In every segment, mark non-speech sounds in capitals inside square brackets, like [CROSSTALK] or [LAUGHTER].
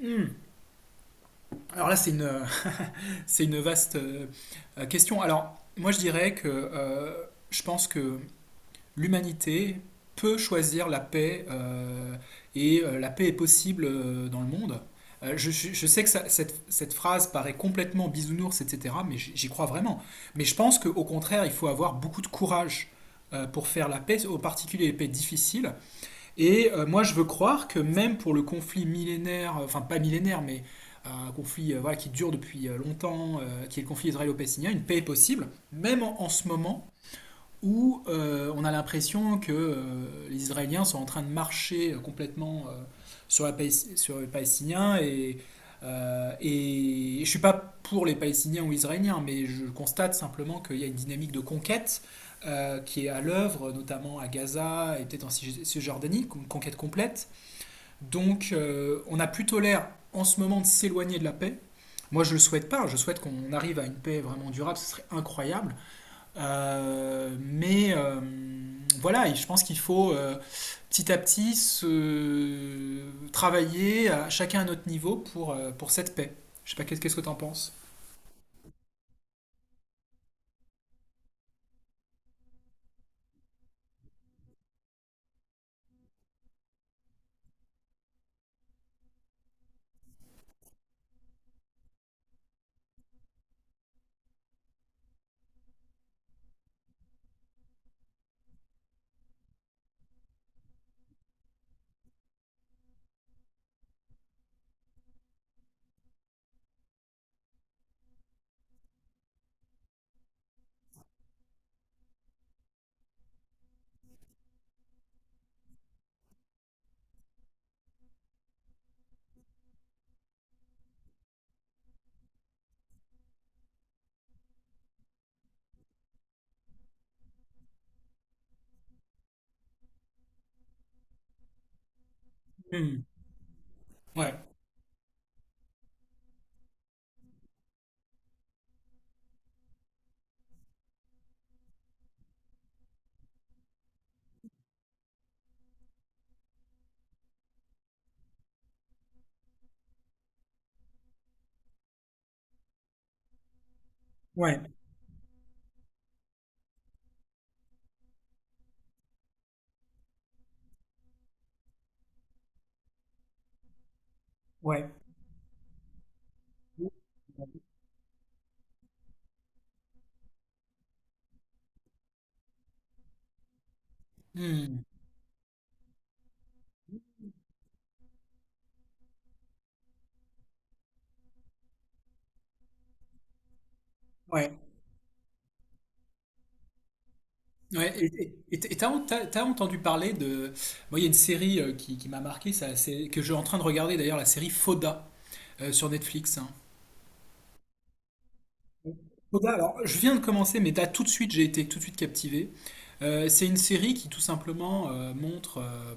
Hmm. Alors là, c'est une, [LAUGHS] c'est une vaste question. Alors, moi, je dirais que je pense que l'humanité peut choisir la paix et la paix est possible dans le monde. Je sais que cette phrase paraît complètement bisounours, etc., mais j'y crois vraiment. Mais je pense qu'au contraire, il faut avoir beaucoup de courage pour faire la paix, en particulier les paix difficiles, et moi, je veux croire que même pour le conflit millénaire, enfin pas millénaire, mais un conflit voilà, qui dure depuis longtemps, qui est le conflit israélo-palestinien, une paix est possible, même en ce moment, où on a l'impression que les Israéliens sont en train de marcher complètement sur, la sur les Palestiniens. Et je ne suis pas pour les Palestiniens ou Israéliens, mais je constate simplement qu'il y a une dynamique de conquête qui est à l'œuvre, notamment à Gaza et peut-être en Cisjordanie, une conquête complète. Donc on a plutôt l'air en ce moment de s'éloigner de la paix. Moi, je ne le souhaite pas. Je souhaite qu'on arrive à une paix vraiment durable. Ce serait incroyable. Euh, mais euh, voilà, et je pense qu'il faut petit à petit se travailler à chacun à notre niveau pour cette paix. Je sais pas, qu'est-ce que t'en penses? Hmm. Ouais, ouais, ouais. Hmm. Ouais. Ouais. Et et t'as entendu parler de... Moi, il y a une série qui m'a marqué, ça, c'est, que je suis en train de regarder d'ailleurs, la série Fauda sur Netflix, hein. Koda, alors je viens de commencer, mais là tout de suite j'ai été tout de suite captivé. C'est une série qui tout simplement montre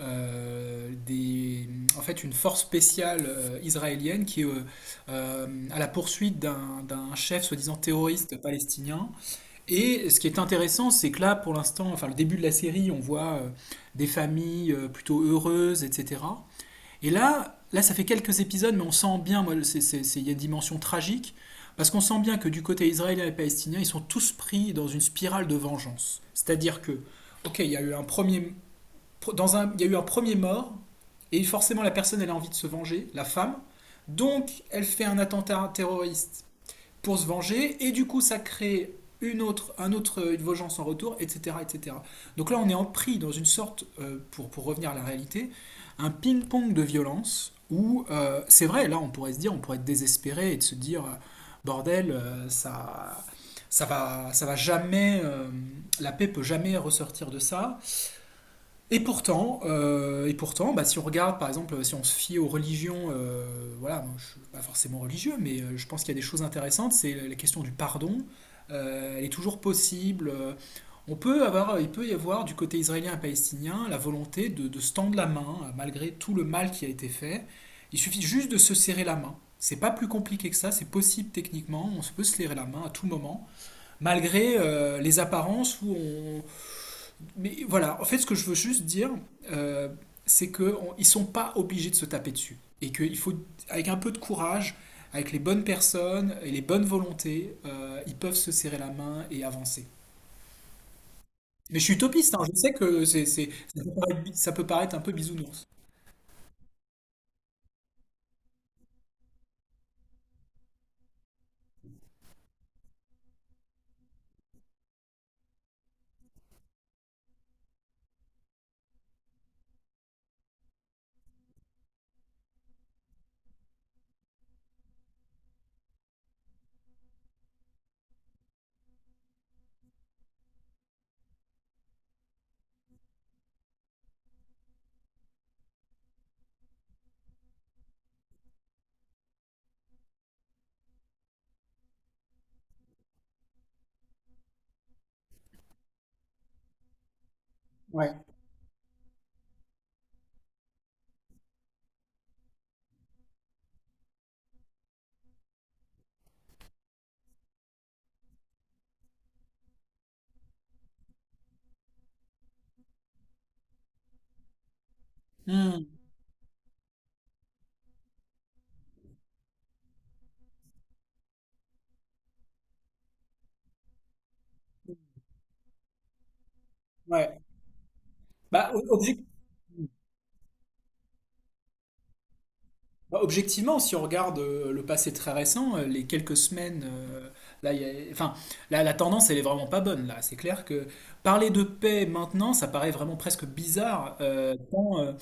euh, des, en fait une force spéciale israélienne qui est à la poursuite d'un chef soi-disant terroriste palestinien. Et ce qui est intéressant, c'est que là pour l'instant, enfin le début de la série, on voit des familles plutôt heureuses, etc. Et là, ça fait quelques épisodes, mais on sent bien, moi, il y a une dimension tragique, parce qu'on sent bien que du côté israélien et palestinien, ils sont tous pris dans une spirale de vengeance. C'est-à-dire que, ok, il y a eu un premier, dans un, il y a eu un premier mort, et forcément la personne, elle a envie de se venger, la femme, donc elle fait un attentat terroriste pour se venger, et du coup ça crée une autre, un autre, une vengeance en retour, etc., etc. Donc là on est pris dans une sorte, pour revenir à la réalité, un ping-pong de violence où c'est vrai, là on pourrait se dire, on pourrait être désespéré et de se dire, bordel, ça, ça va jamais, la paix peut jamais ressortir de ça, et pourtant bah, si on regarde, par exemple, si on se fie aux religions, voilà, moi, je suis pas forcément religieux, mais je pense qu'il y a des choses intéressantes. C'est la question du pardon. Elle est toujours possible. On peut avoir, il peut y avoir du côté israélien et palestinien la volonté de se tendre la main malgré tout le mal qui a été fait. Il suffit juste de se serrer la main. C'est pas plus compliqué que ça, c'est possible techniquement. On se peut se serrer la main à tout moment, malgré les apparences où on, mais voilà, en fait, ce que je veux juste dire, euh, c'est qu'ils ne sont pas obligés de se taper dessus. Et qu'il faut, avec un peu de courage, avec les bonnes personnes et les bonnes volontés, ils peuvent se serrer la main et avancer. Mais je suis utopiste, hein, je sais que c'est- ça peut paraître un peu bisounours. Ouais. Hmm, ouais. Bah, Bah, objectivement, si on regarde le passé très récent, les quelques semaines, là, il y a- enfin, là, la tendance, elle est vraiment pas bonne. Là, c'est clair que parler de paix maintenant, ça paraît vraiment presque bizarre, euh, tant, euh,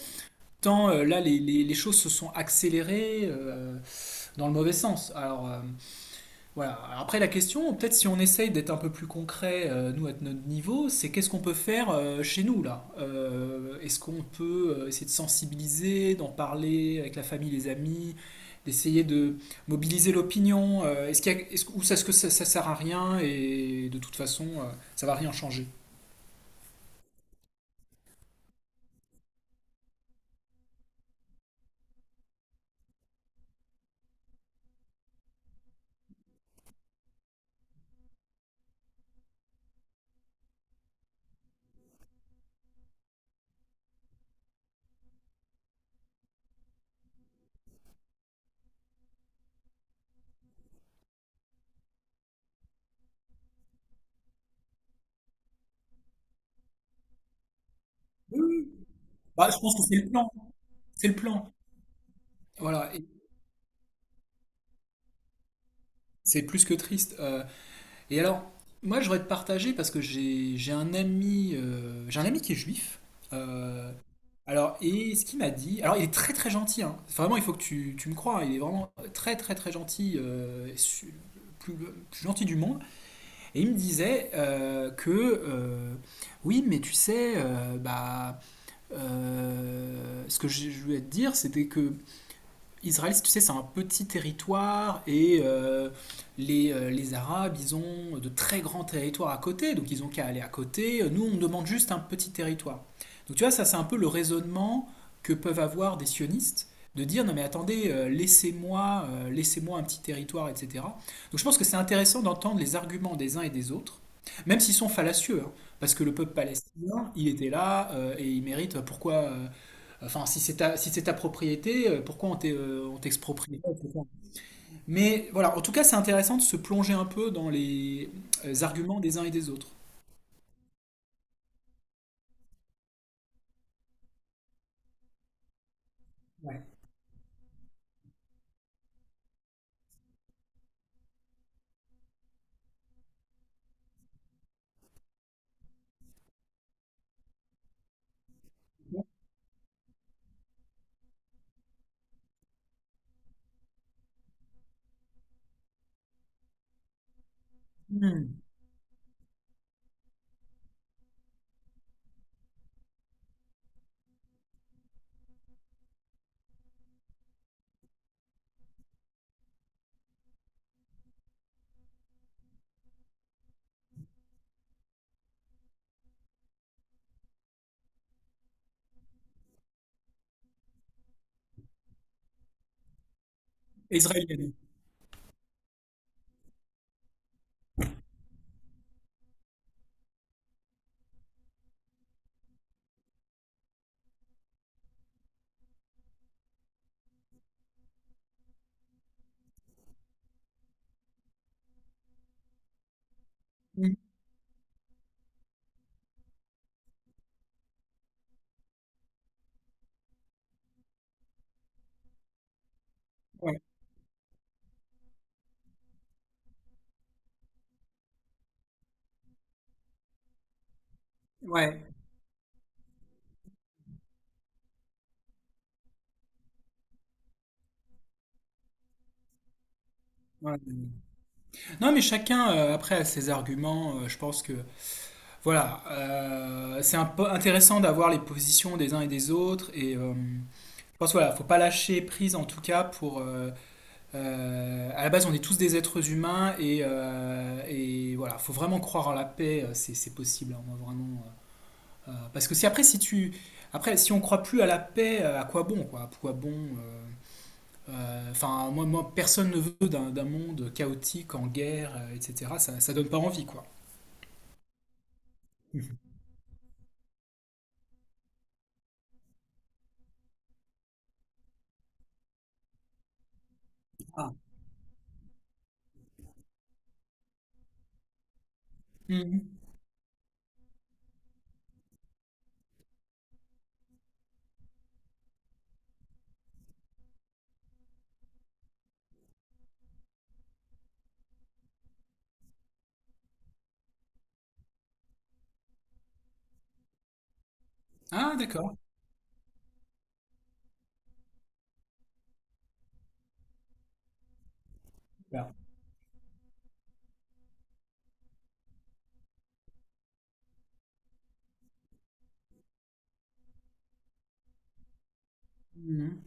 tant, euh, là, les choses se sont accélérées dans le mauvais sens. Voilà. Alors après, la question, peut-être si on essaye d'être un peu plus concret, nous, à notre niveau, c'est qu'est-ce qu'on peut faire chez nous, là? Est-ce qu'on peut essayer de sensibiliser, d'en parler avec la famille, les amis, d'essayer de mobiliser l'opinion? Est-ce qu'il y a- est-ce- ou est-ce que ça sert à rien et de toute façon, ça va rien changer? Oui, oui. Bah, je pense que c'est le plan. C'est le plan. Voilà. Et c'est plus que triste. Et alors, moi, je voudrais te partager parce que j'ai un ami qui est juif. euh, alors, et ce qu'il m'a dit, alors il est très très gentil, hein. Vraiment, il faut que tu me crois, hein, il est vraiment très très très gentil, plus, le plus gentil du monde. Et il me disait oui, mais tu sais, bah, ce que je voulais te dire, c'était que Israël, si tu sais, c'est un petit territoire et les Arabes, ils ont de très grands territoires à côté, donc ils ont qu'à aller à côté. Nous, on demande juste un petit territoire. Donc tu vois, ça, c'est un peu le raisonnement que peuvent avoir des sionistes, de dire non mais attendez, laissez-moi, laissez-moi un petit territoire, etc. Donc je pense que c'est intéressant d'entendre les arguments des uns et des autres, même s'ils sont fallacieux, hein, parce que le peuple palestinien, il était là et il mérite pourquoi, enfin, si si c'est ta propriété, pourquoi on t'exproprie pas, etc. Mais voilà, en tout cas, c'est intéressant de se plonger un peu dans les arguments des uns et des autres. Ouais. Hmm. Israélienne. Hmm. Ouais. Ouais. Ouais. Non, mais chacun, après, a ses arguments. Je pense que, voilà, c'est un peu intéressant d'avoir les positions des uns et des autres. Et je pense, voilà, faut pas lâcher prise, en tout cas, pour, à la base, on est tous des êtres humains et voilà, faut vraiment croire en la paix, c'est possible, hein, moi, vraiment. Parce que si après, si tu, après, si on croit plus à la paix, à quoi bon, quoi, à quoi bon euh, enfin, moi, moi, personne ne veut d'un monde chaotique, en guerre, etc. Ça donne pas envie, quoi. [LAUGHS] Ah, mhm. Ah, d'accord. Super. Mhm.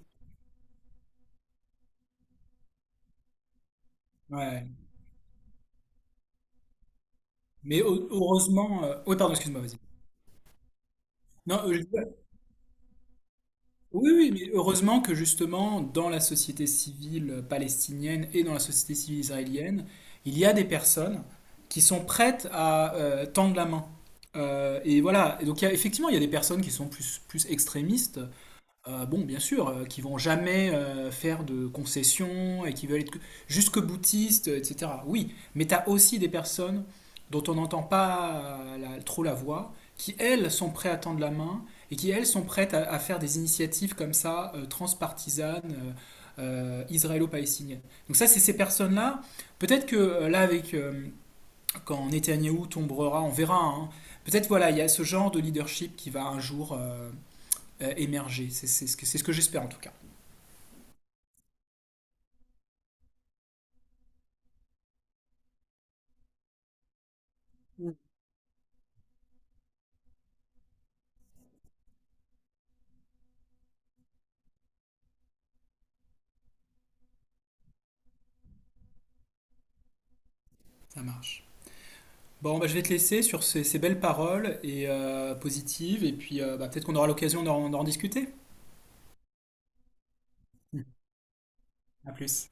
Ouais. Mais heureusement, oui, pardon, excuse-moi, vas-y. Non, oui, oui, mais heureusement que justement, dans la société civile palestinienne et dans la société civile israélienne, il y a des personnes qui sont prêtes à tendre la main. Et voilà, et donc il y a- effectivement, il y a des personnes qui sont plus, plus extrémistes, bon, bien sûr, qui vont jamais faire de concessions et qui veulent être que- jusque boutistes, etc. Oui, mais tu as aussi des personnes dont on n'entend pas la- trop la voix, qui elles sont prêtes à tendre la main et qui elles sont prêtes à faire des initiatives comme ça, transpartisanes, israélo-palestiniennes. Donc ça, c'est ces personnes-là. Peut-être que là, avec quand Netanyahou tombera, on verra, hein. Peut-être voilà, il y a ce genre de leadership qui va un jour émerger. C'est ce que j'espère en tout cas. Ça marche. Bon, bah, je vais te laisser sur ces, ces belles paroles et positives, et puis bah, peut-être qu'on aura l'occasion d'en discuter. À plus.